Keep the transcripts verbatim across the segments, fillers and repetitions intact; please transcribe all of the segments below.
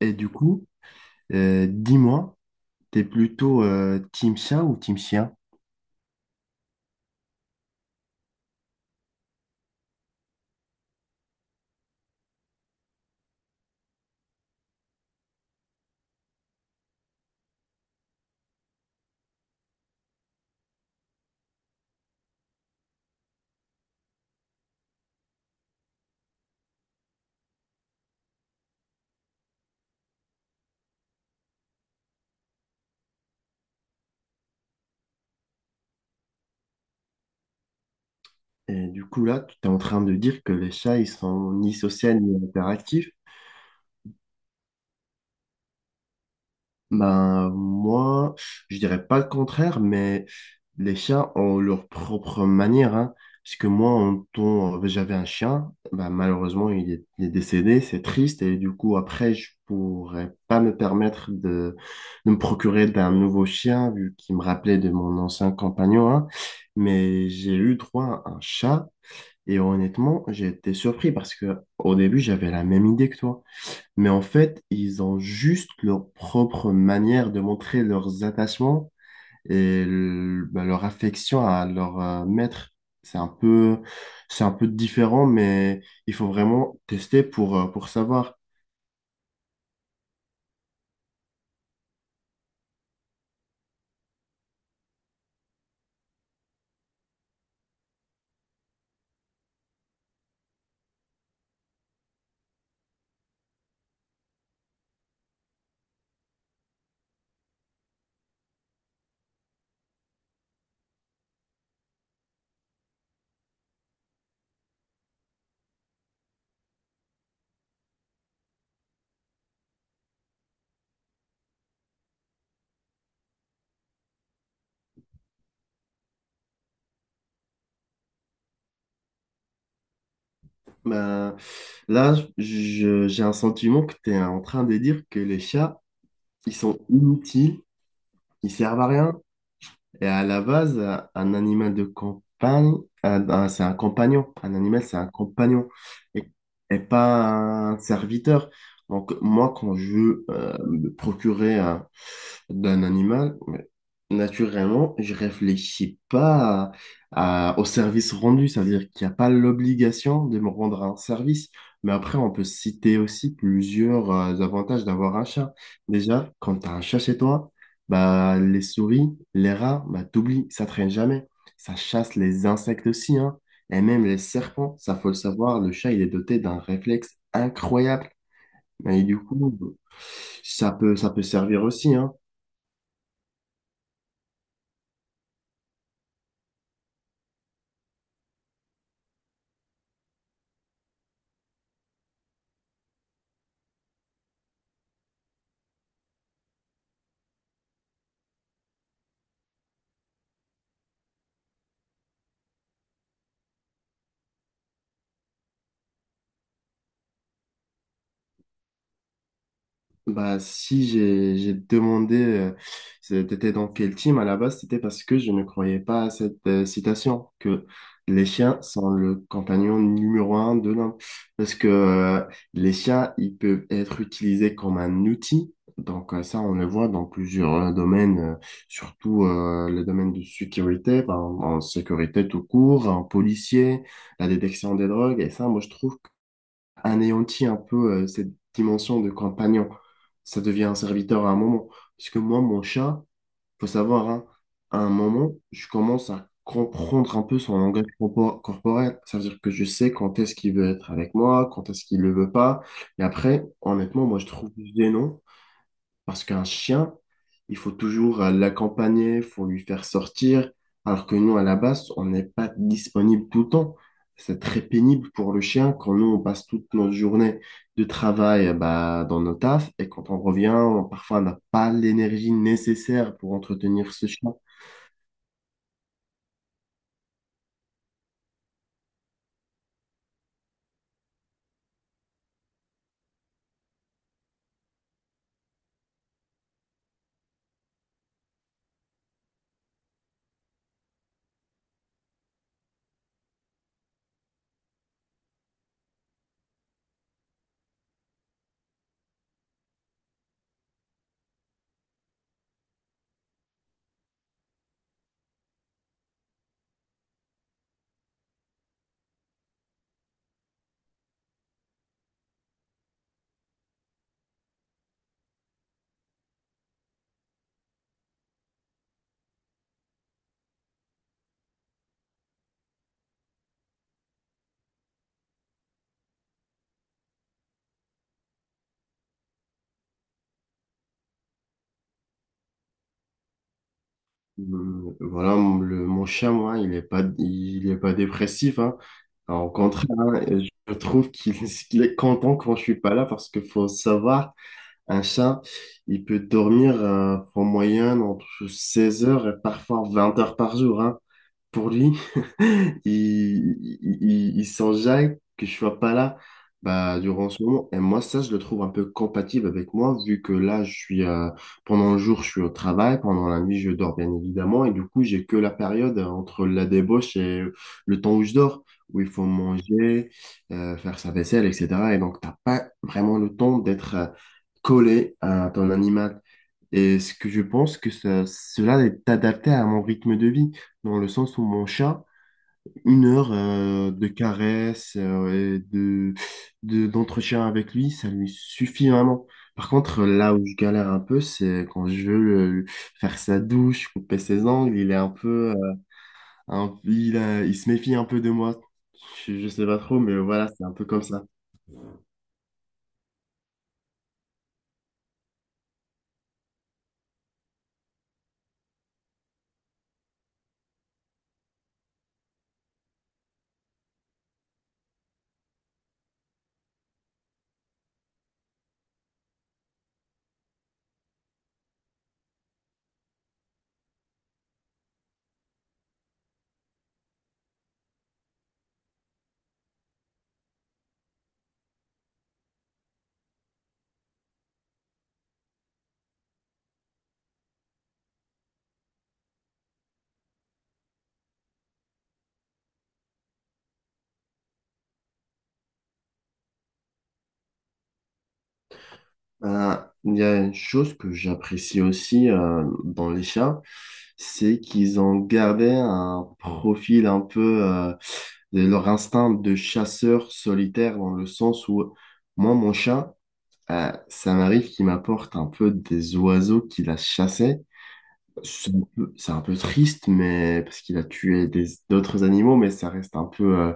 Et du coup, euh, dis-moi, t'es plutôt euh, team chat ou team chien? Et du coup, là, tu es en train de dire que les chats, ils sont ni sociaux ni interactifs. Ben, moi, je dirais pas le contraire, mais les chats ont leur propre manière, hein. Parce que moi, en temps, euh, j'avais un chien, ben, malheureusement, il est, il est décédé, c'est triste, et du coup, après, je pourrais pas me permettre de, de me procurer d'un nouveau chien, vu qu'il me rappelait de mon ancien compagnon, hein. Mais j'ai eu droit à un chat, et honnêtement, j'ai été surpris parce que au début, j'avais la même idée que toi. Mais en fait, ils ont juste leur propre manière de montrer leurs attachements et le- bah, leur affection à leur euh, maître. C'est un peu, c'est un peu différent, mais il faut vraiment tester pour, euh, pour savoir. Bah, là, je- j'ai un sentiment que tu es en train de dire que les chats, ils sont inutiles, ils servent à rien, et à la base, un un animal de campagne, un- un- c'est un compagnon. Un animal, c'est un compagnon et, et pas un serviteur. Donc, moi, quand je veux euh, me procurer un, d'un animal, mais naturellement, je réfléchis pas à- à- au service rendu. C'est-à-dire qu'il n'y a pas l'obligation de me rendre un service. Mais après, on peut citer aussi plusieurs euh, avantages d'avoir un chat. Déjà, quand tu as un chat chez toi, bah, les souris, les rats, bah, t'oublies, ça traîne jamais. Ça chasse les insectes aussi, hein. Et même les serpents, ça faut le savoir, le chat, il est doté d'un réflexe incroyable. Et du coup, ça peut, ça peut servir aussi, hein. Bah, si j'ai j'ai demandé euh, c'était dans quel team à la base, c'était parce que je ne croyais pas à cette euh, citation que les chiens sont le compagnon numéro un de l'homme. Parce que euh, les chiens, ils peuvent être utilisés comme un outil. Donc euh, ça, on le voit dans plusieurs euh, domaines, euh, surtout euh, le domaine de sécurité, par en sécurité tout court, en policier, la détection des drogues. Et ça, moi, je trouve anéantit un peu euh, cette dimension de compagnon. Ça devient un serviteur à un moment. Parce que moi, mon chat, faut savoir, hein, à un moment, je commence à comprendre un peu son langage corpo- corporel. Ça veut dire que je sais quand est-ce qu'il veut être avec moi, quand est-ce qu'il ne le veut pas. Et après, honnêtement, moi, je trouve gênant parce qu'un chien, il faut toujours euh, l'accompagner, il faut lui faire sortir, alors que nous, à la base, on n'est pas disponible tout le temps. C'est très pénible pour le chien quand nous, on passe toute notre journée de travail euh, bah, dans nos tafs et quand on revient, on- parfois, on n'a pas l'énergie nécessaire pour entretenir ce chien. Hum, Voilà, mon- le, mon chien, moi, il est pas, il est pas dépressif, hein. Alors, au contraire, hein, je trouve qu'il qu'il est content quand je suis pas là parce que faut savoir. Un chat, il peut dormir euh, en moyenne entre seize heures et parfois vingt heures par jour, hein. Pour lui, il, il, il- il s'en jaille que je sois pas là, bah, durant ce moment. Et moi, ça, je le trouve un peu compatible avec moi, vu que là, je suis, euh, pendant le jour, je suis au travail, pendant la nuit, je dors, bien évidemment, et du coup, j'ai que la période euh, entre la débauche et le temps où je dors, où il faut manger, euh, faire sa vaisselle, et cetera. Et donc, t'as pas vraiment le temps d'être... euh, collé à ton animal et ce que je pense que ça- cela est adapté à mon rythme de vie, dans le sens où mon chat, une heure euh, de caresses euh, et de, de- d'entretien avec lui, ça lui suffit vraiment. Par contre, là où je galère un peu, c'est quand je veux le- faire sa douche, couper ses ongles, il est un peu, euh, un- il, a- il se méfie un peu de moi. Je, je sais pas trop, mais voilà, c'est un peu comme ça. Ben, il y a une chose que j'apprécie aussi euh, dans les chats, c'est qu'ils ont gardé un profil un peu euh, de leur instinct de chasseur solitaire dans le sens où moi, mon chat, euh, ça m'arrive qu'il m'apporte un peu des oiseaux qu'il a chassés. C'est un peu, c'est un peu triste, mais parce qu'il a tué des- d'autres animaux, mais ça reste un peu euh,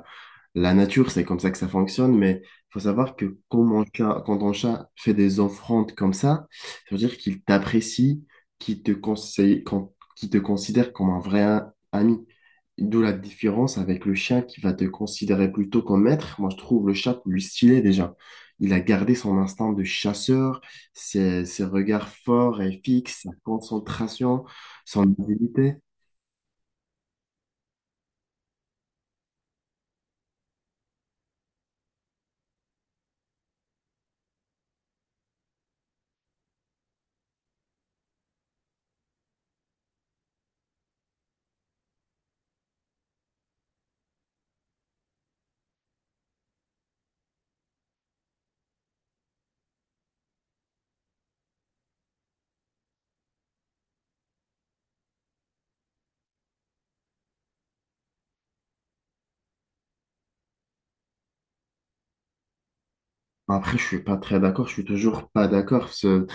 la nature, c'est comme ça que ça fonctionne, mais il faut savoir que quand, mon chat- quand ton chat fait des offrandes comme ça, ça veut dire qu'il t'apprécie, qu'il te conseille, qu'on- qu'il te considère comme un vrai a- ami. D'où la différence avec le chien qui va te considérer plutôt comme maître. Moi, je trouve le chat plus stylé déjà. Il a gardé son instinct de chasseur, ses, ses regards forts et fixes, sa concentration, son habileté. Après, je suis pas très d'accord, je suis toujours pas d'accord parce que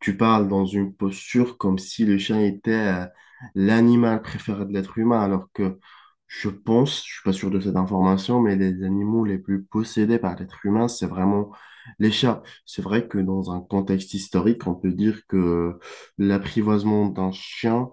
tu parles dans une posture comme si le chien était euh, l'animal préféré de l'être humain, alors que je pense, je suis pas sûr de cette information, mais les animaux les plus possédés par l'être humain, c'est vraiment les chats. C'est vrai que dans un contexte historique, on peut dire que l'apprivoisement d'un chien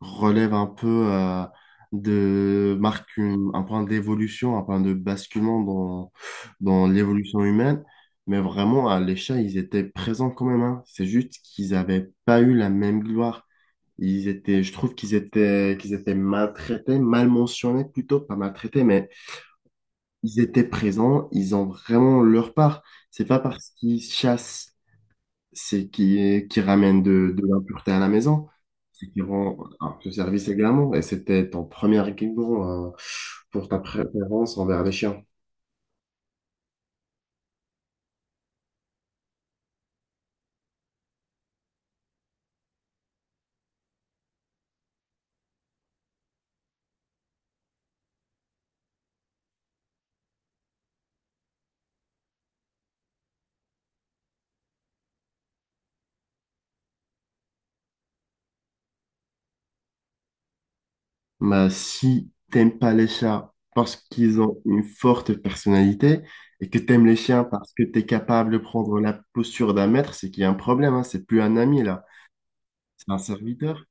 relève un peu euh, de, marque une- un point d'évolution, un point de basculement dans dans l'évolution humaine. Mais vraiment, à l'Échat, ils étaient présents quand même, hein. C'est juste qu'ils n'avaient pas eu la même gloire. Ils étaient, je trouve qu'ils étaient, qu'ils étaient maltraités, mal mentionnés plutôt, pas maltraités, mais ils étaient présents, ils ont vraiment leur part. C'est pas parce qu'ils chassent, c'est qu'ils qu'ils ramènent de, de l'impureté à la maison, c'est qu'ils rendent un peu service également. Et c'était ton premier argument, euh, pour ta préférence envers les chiens. Bah, si t'aimes pas les chats parce qu'ils ont une forte personnalité et que t'aimes les chiens parce que t'es capable de prendre la posture d'un maître, c'est qu'il y a un problème, hein. C'est plus un ami là, c'est un serviteur.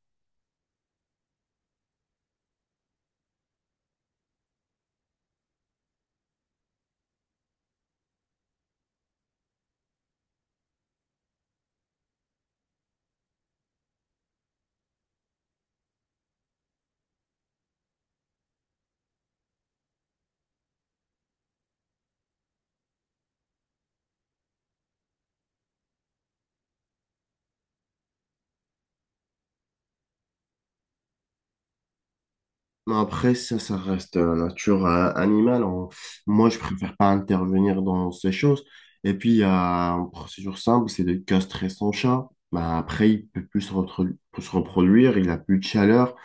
Non, après, ça, ça reste la nature euh, animale. On- Moi, je préfère pas intervenir dans ces choses. Et puis, il y a une procédure simple, c'est de castrer son chat. Bah, après, il peut plus se, reprodu- se reproduire, il a plus de chaleur.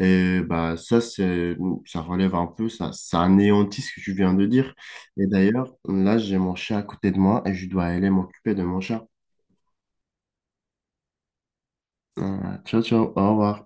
Et bah, ça, c'est, ça relève un peu, ça, ça anéantit ce que tu viens de dire. Et d'ailleurs, là, j'ai mon chat à côté de moi et je dois aller m'occuper de mon chat. Euh, ciao, ciao, au revoir.